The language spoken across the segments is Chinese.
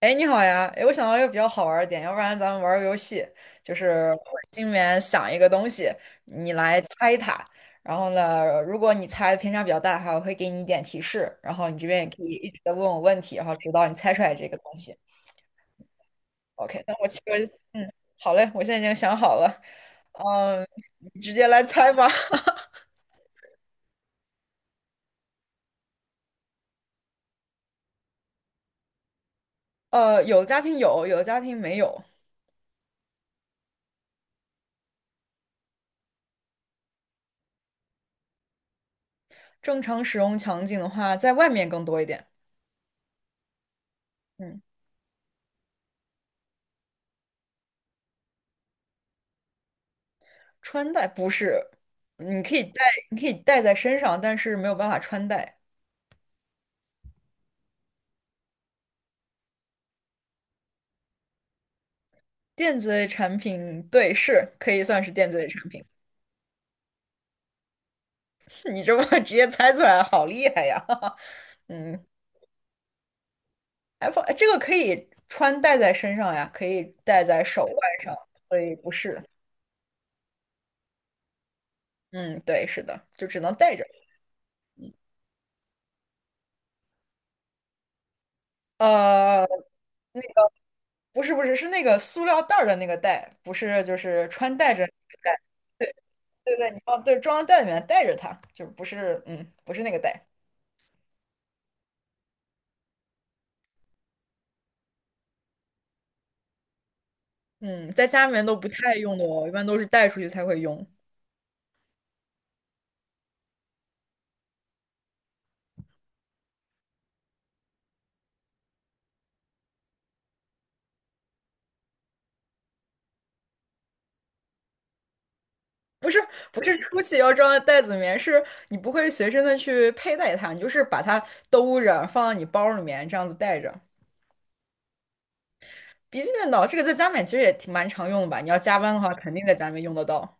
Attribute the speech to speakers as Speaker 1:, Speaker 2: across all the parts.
Speaker 1: 哎，你好呀！哎，我想到一个比较好玩儿的点，要不然咱们玩儿个游戏，就是我心里面想一个东西，你来猜它。然后呢，如果你猜的偏差比较大的话，我会给你一点提示，然后你这边也可以一直在问我问题，然后直到你猜出来这个东西。OK，那我其实好嘞，我现在已经想好了，嗯，你直接来猜吧。有的家庭有，有的家庭没有。正常使用场景的话，在外面更多一点。嗯。穿戴不是，嗯你可以带，你可以带在身上，但是没有办法穿戴。电子类产品，对，是可以算是电子类产品。你这么直接猜出来，好厉害呀！嗯，iPhone 这个可以穿戴在身上呀，可以戴在手腕上，所以不是。嗯，对，是的，就只能戴着。呃，那个不是不是，是那个塑料袋儿的那个袋，不是就是穿戴着那个袋。对对对，你要对装到袋里面带着它，就不是不是那个袋。嗯，在家里面都不太用的哦，一般都是带出去才会用。不是不是出去要装在袋子里面，是你不会随身的去佩戴它，你就是把它兜着放到你包里面这样子带着。笔记本刀这个在家里面其实也挺蛮常用的吧？你要加班的话，肯定在家里面用得到。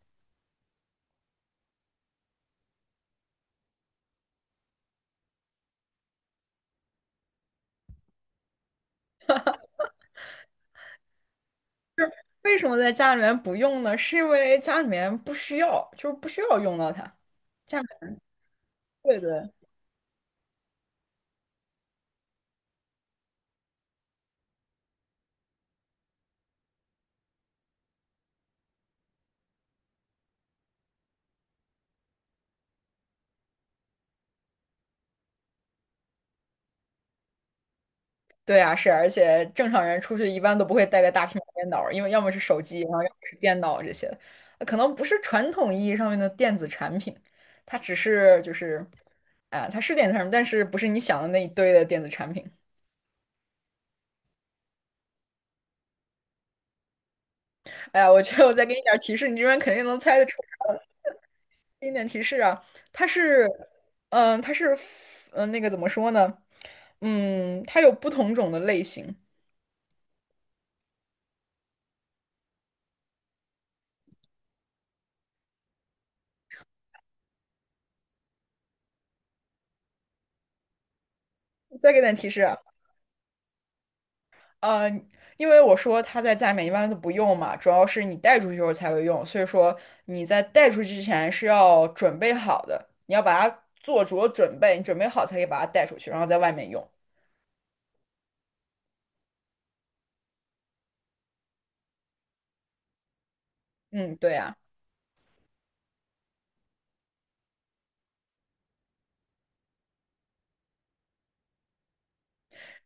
Speaker 1: 为什么在家里面不用呢？是因为家里面不需要，就是不需要用到它。家里面对对。对啊，是，而且正常人出去一般都不会带个大平板电脑，因为要么是手机，然后要么是电脑这些，可能不是传统意义上面的电子产品，它只是就是，啊、它是电子产品，但是不是你想的那一堆的电子产品。哎呀，我觉得我再给你点儿提示，你这边肯定能猜得出来。给你点提示啊，它是，嗯、它是，那个怎么说呢？它有不同种的类型。再给点提示啊，呃，因为我说它在家里面一般都不用嘛，主要是你带出去时候才会用，所以说你在带出去之前是要准备好的，你要把它做足准备，你准备好才可以把它带出去，然后在外面用。嗯，对呀，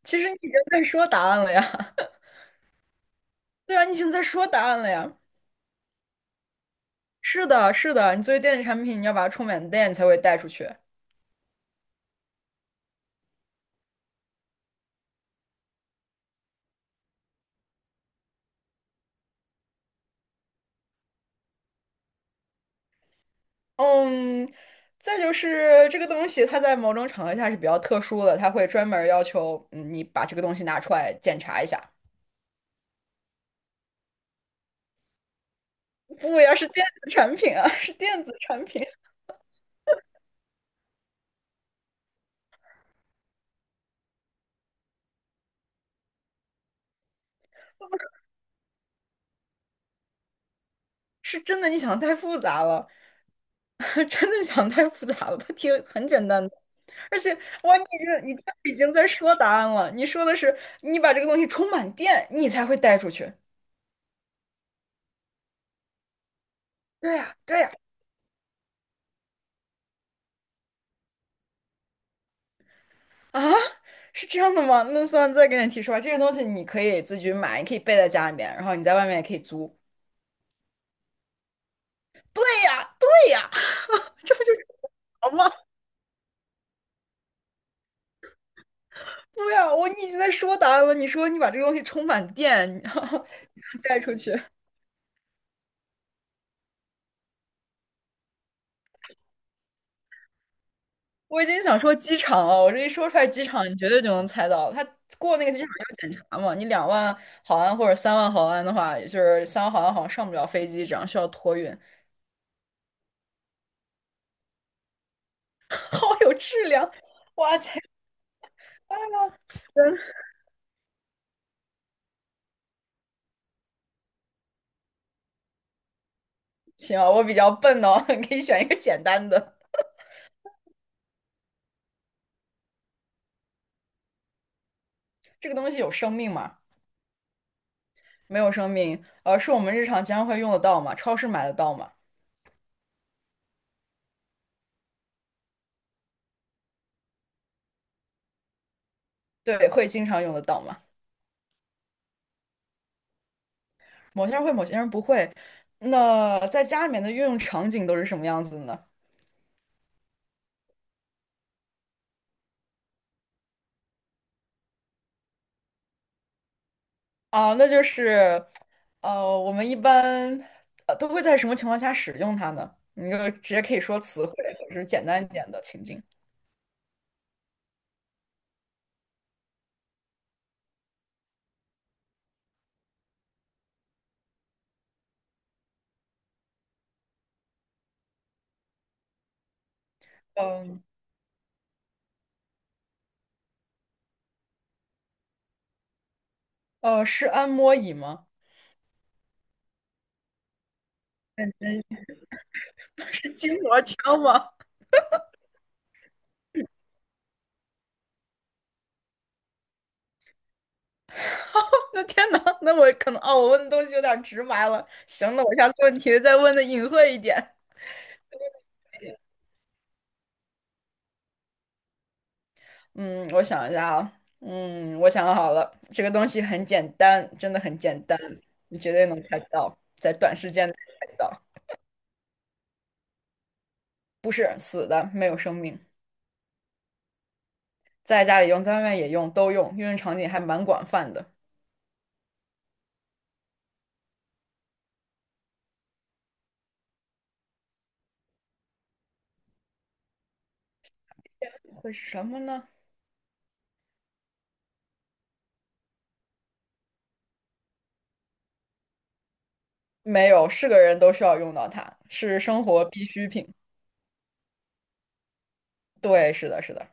Speaker 1: 其实你已经在说答案了呀，对啊，你已经在说答案了呀。是的，是的，你作为电子产品，你要把它充满电，你才会带出去。嗯，再就是这个东西，它在某种场合下是比较特殊的，它会专门儿要求你把这个东西拿出来检查一下。不呀，是电子产品啊，是电子产品，是真的。你想太复杂了，真的想太复杂了。它题很简单的，而且哇，你已经在说答案了。你说的是你把这个东西充满电，你才会带出去。对呀，对呀，啊，是这样的吗？那算了，再给你提示吧。这个东西你可以自己买，你可以备在家里面，然后你在外面也可以租。对呀，这不就是好吗？对呀，你已经在说答案了。你说你把这个东西充满电，然后 带出去。我已经想说机场了，我这一说出来机场，你绝对就能猜到。他过那个机场要检查嘛，你2万毫安或者三万毫安的话，也就是三万毫安好像上不了飞机，这样需要托运。好有质量，哇塞！啊，真行啊，我比较笨哦，你可以选一个简单的。这个东西有生命吗？没有生命，是我们日常经常会用得到吗？超市买得到吗？对，会经常用得到吗？某些人会，某些人不会。那在家里面的运用场景都是什么样子的呢？啊，那就是，我们一般都会在什么情况下使用它呢？你就直接可以说词汇，或者是简单一点的情境。嗯，是按摩椅吗？认真 是筋膜枪吗？那天呐，那我可能哦，我问的东西有点直白了。行，那我下次问题再问的隐晦一点。嗯，我想一下啊，我想好了，这个东西很简单，真的很简单，你绝对能猜到，在短时间内猜到，不是死的，没有生命。在家里用，在外面也用，都用，应用场景还蛮广泛的。会是什么呢？没有，是个人都需要用到它，是生活必需品。对，是的，是的。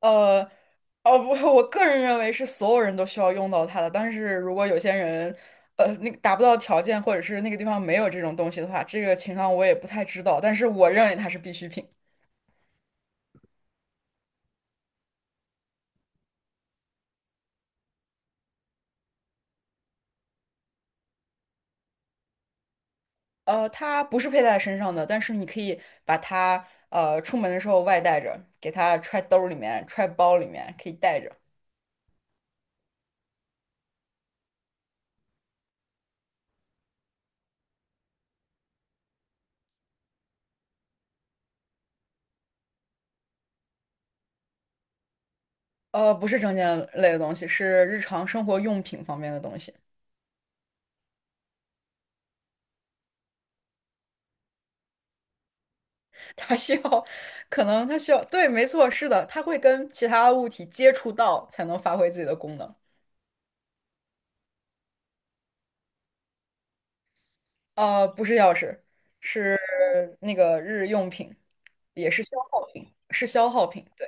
Speaker 1: 呃，哦不，我个人认为是所有人都需要用到它的，但是如果有些人，那个达不到条件，或者是那个地方没有这种东西的话，这个情况我也不太知道，但是我认为它是必需品。它不是佩戴在身上的，但是你可以把它出门的时候外带着，给它揣兜儿里面、揣包里面，可以带着。不是证件类的东西，是日常生活用品方面的东西。它需要，可能它需要，对，没错，是的，它会跟其他物体接触到才能发挥自己的功能。不是钥匙，是那个日用品，也是消耗品，是消耗品，对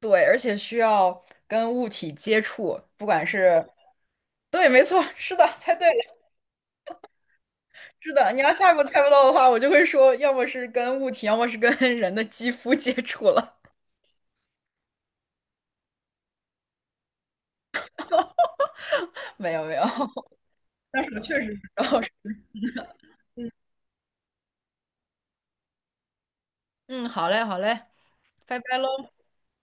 Speaker 1: 对，而且需要跟物体接触，不管是，对，没错，是的，猜对了，是的。你要下一步猜不到的话，我就会说，要么是跟物体，要么是跟人的肌肤接触了。没有没有，但是我确实是知道。嗯，好嘞好嘞，拜拜喽。